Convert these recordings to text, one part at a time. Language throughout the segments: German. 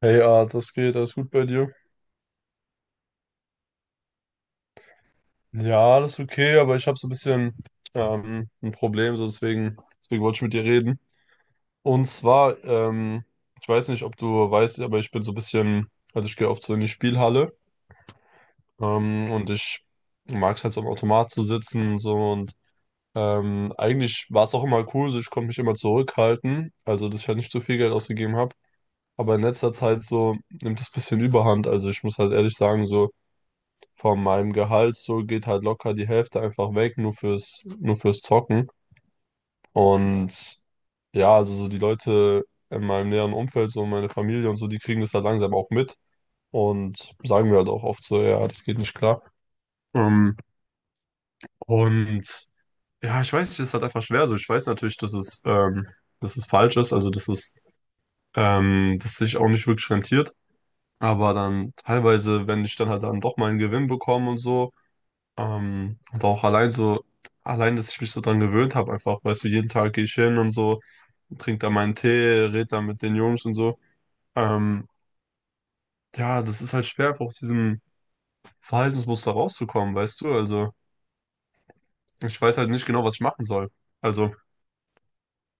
Hey, das geht, alles gut bei dir? Ja, alles okay, aber ich habe so ein bisschen ein Problem, so deswegen wollte ich mit dir reden. Und zwar, ich weiß nicht, ob du weißt, aber ich bin so ein bisschen, also ich gehe oft so in die Spielhalle, und ich mag es halt so am Automat zu sitzen und so, und eigentlich war es auch immer cool, so ich konnte mich immer zurückhalten, also dass ich halt nicht zu viel Geld ausgegeben habe. Aber in letzter Zeit so nimmt es ein bisschen Überhand, also ich muss halt ehrlich sagen, so von meinem Gehalt so geht halt locker die Hälfte einfach weg, nur fürs Zocken. Und ja, also so die Leute in meinem näheren Umfeld, so meine Familie und so, die kriegen das halt langsam auch mit und sagen mir halt auch oft so, ja, das geht nicht klar. Ähm, und ja, ich weiß nicht, es ist halt einfach schwer so. Ich weiß natürlich, dass es falsch ist, dass sich auch nicht wirklich rentiert. Aber dann teilweise, wenn ich dann halt dann doch mal einen Gewinn bekomme und so. Und auch allein so, allein, dass ich mich so dran gewöhnt habe, einfach, weißt du, jeden Tag gehe ich hin und so, trinke da meinen Tee, rede da mit den Jungs und so. Ähm, ja, das ist halt schwer, einfach aus diesem Verhaltensmuster rauszukommen, weißt du? Also, ich weiß halt nicht genau, was ich machen soll. Also,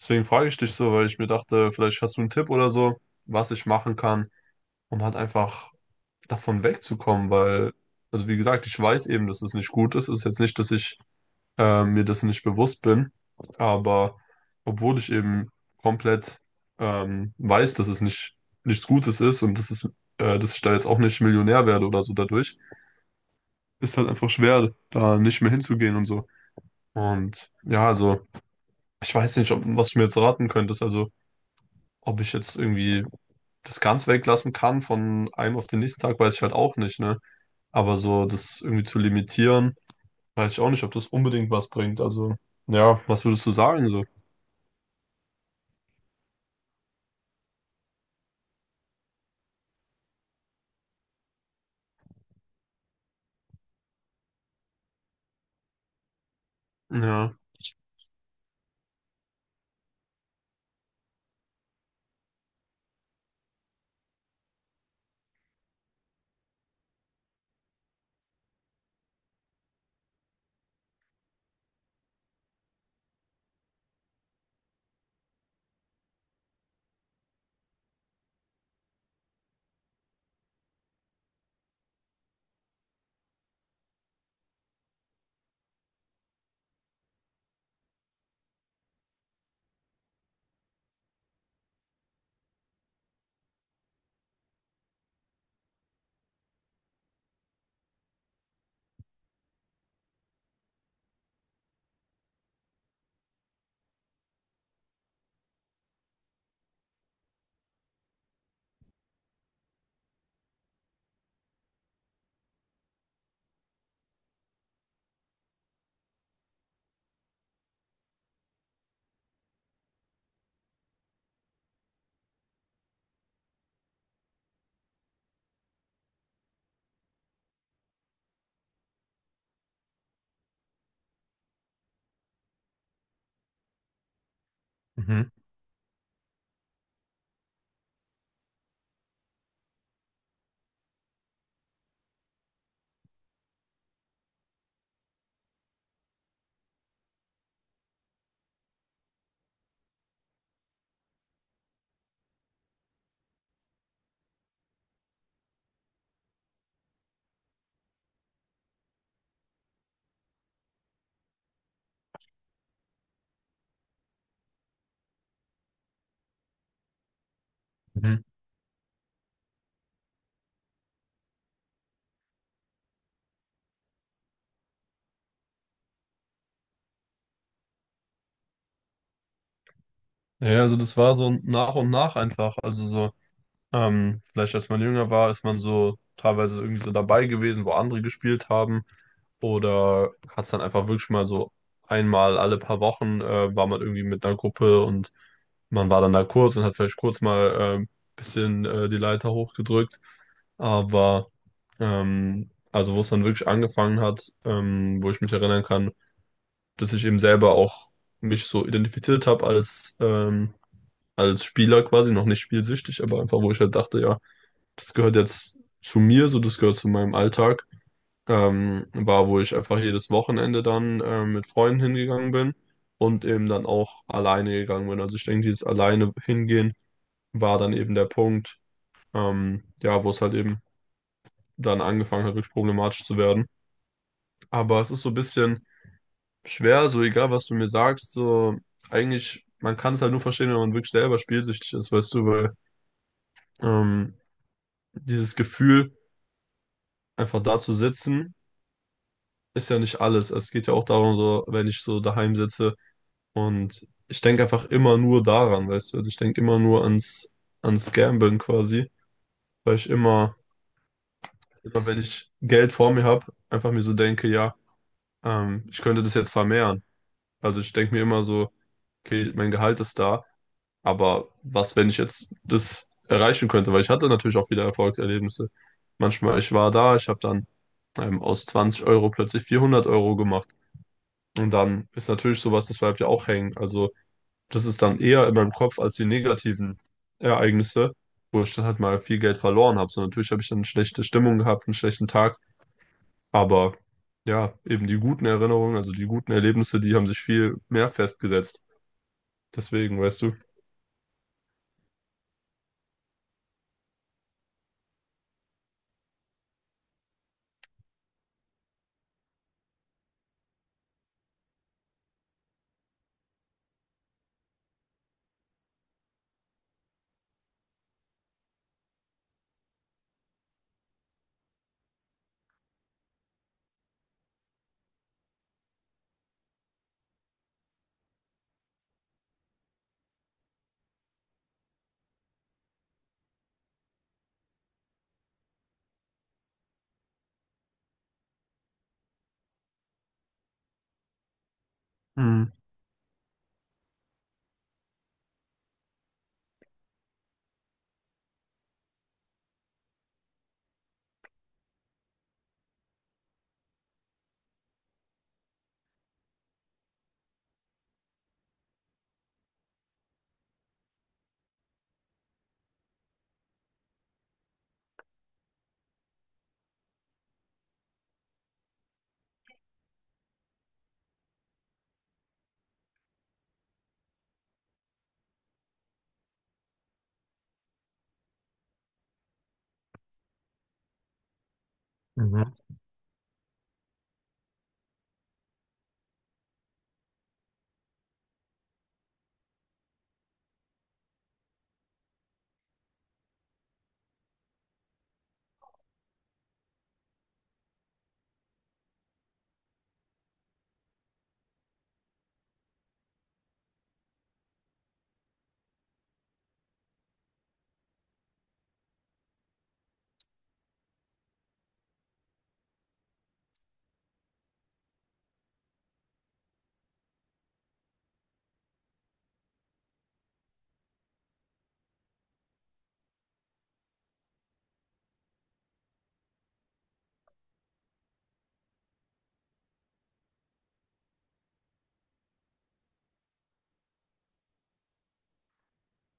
deswegen frage ich dich so, weil ich mir dachte, vielleicht hast du einen Tipp oder so, was ich machen kann, um halt einfach davon wegzukommen, weil, also wie gesagt, ich weiß eben, dass es nicht gut ist. Es ist jetzt nicht, dass ich mir dessen nicht bewusst bin. Aber obwohl ich eben komplett weiß, dass es nicht, nichts Gutes ist und dass es, dass ich da jetzt auch nicht Millionär werde oder so dadurch, ist halt einfach schwer, da nicht mehr hinzugehen und so. Und ja, also ich weiß nicht, ob, was du mir jetzt raten könntest. Also ob ich jetzt irgendwie das ganz weglassen kann von einem auf den nächsten Tag, weiß ich halt auch nicht, ne? Aber so das irgendwie zu limitieren, weiß ich auch nicht, ob das unbedingt was bringt. Also ja, was würdest du sagen so? Ja. Mhm. Mhm. Ja, also das war so nach und nach einfach. Also so, vielleicht als man jünger war, ist man so teilweise irgendwie so dabei gewesen, wo andere gespielt haben. Oder hat es dann einfach wirklich mal so einmal alle paar Wochen, war man irgendwie mit einer Gruppe und man war dann da kurz und hat vielleicht kurz mal ein bisschen die Leiter hochgedrückt. Aber also wo es dann wirklich angefangen hat, wo ich mich erinnern kann, dass ich eben selber auch mich so identifiziert habe als, als Spieler quasi, noch nicht spielsüchtig, aber einfach, wo ich halt dachte, ja, das gehört jetzt zu mir, so das gehört zu meinem Alltag. Wo ich einfach jedes Wochenende dann mit Freunden hingegangen bin und eben dann auch alleine gegangen bin. Also ich denke, dieses alleine hingehen war dann eben der Punkt, ja, wo es halt eben dann angefangen hat, wirklich problematisch zu werden. Aber es ist so ein bisschen schwer, so egal, was du mir sagst, so eigentlich, man kann es halt nur verstehen, wenn man wirklich selber spielsüchtig ist, weißt du, weil ähm, dieses Gefühl, einfach da zu sitzen, ist ja nicht alles. Es geht ja auch darum, so, wenn ich so daheim sitze und ich denke einfach immer nur daran, weißt du, also ich denke immer nur ans, ans Gamblen quasi, weil ich immer, immer wenn ich Geld vor mir habe, einfach mir so denke, ja, ich könnte das jetzt vermehren. Also ich denke mir immer so, okay, mein Gehalt ist da. Aber was, wenn ich jetzt das erreichen könnte? Weil ich hatte natürlich auch wieder Erfolgserlebnisse. Manchmal, ich war da, ich habe dann aus 20 Euro plötzlich 400 Euro gemacht. Und dann ist natürlich sowas, das bleibt ja auch hängen. Also das ist dann eher in meinem Kopf als die negativen Ereignisse, wo ich dann halt mal viel Geld verloren habe. So natürlich habe ich dann eine schlechte Stimmung gehabt, einen schlechten Tag. Aber ja, eben die guten Erinnerungen, also die guten Erlebnisse, die haben sich viel mehr festgesetzt. Deswegen, weißt du. Mhm. Mhm.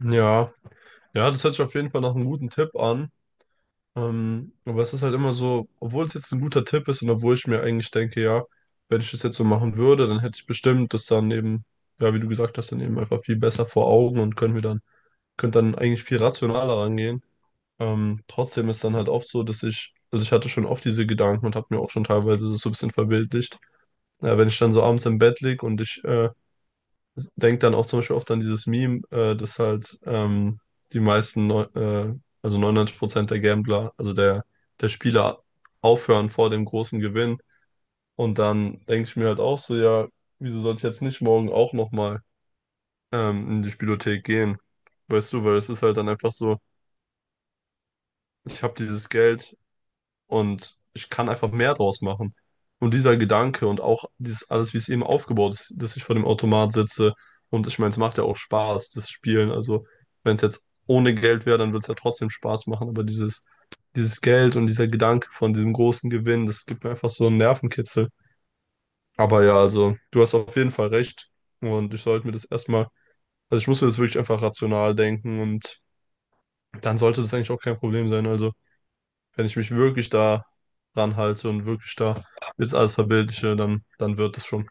Ja. Ja, das hört sich auf jeden Fall nach einem guten Tipp an. Aber es ist halt immer so, obwohl es jetzt ein guter Tipp ist und obwohl ich mir eigentlich denke, ja, wenn ich das jetzt so machen würde, dann hätte ich bestimmt das dann eben, ja, wie du gesagt hast, dann eben einfach viel besser vor Augen und können wir dann, könnte dann eigentlich viel rationaler rangehen. Trotzdem ist dann halt oft so, dass ich, also ich hatte schon oft diese Gedanken und habe mir auch schon teilweise das so ein bisschen verbildlicht. Ja, wenn ich dann so abends im Bett lieg und ich denk dann auch zum Beispiel oft an dieses Meme, dass halt die meisten, neu- äh, also 99% der Gambler, der Spieler aufhören vor dem großen Gewinn. Und dann denke ich mir halt auch so, ja, wieso sollte ich jetzt nicht morgen auch nochmal in die Spielothek gehen? Weißt du, weil es ist halt dann einfach so, ich habe dieses Geld, und ich kann einfach mehr draus machen. Und dieser Gedanke und auch dieses alles, wie es eben aufgebaut ist, dass ich vor dem Automat sitze. Und ich meine, es macht ja auch Spaß, das Spielen. Also, wenn es jetzt ohne Geld wäre, dann würde es ja trotzdem Spaß machen. Aber dieses Geld und dieser Gedanke von diesem großen Gewinn, das gibt mir einfach so einen Nervenkitzel. Aber ja, also, du hast auf jeden Fall recht. Und ich sollte mir das erstmal, also ich muss mir das wirklich einfach rational denken und dann sollte das eigentlich auch kein Problem sein. Also wenn ich mich wirklich da ranhalte und wirklich da jetzt alles verbildliche, dann, dann wird es schon.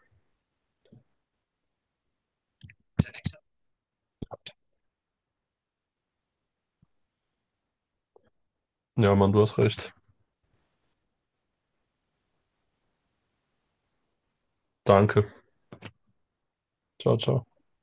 Ja, Mann, du hast recht. Danke. Ciao, ciao.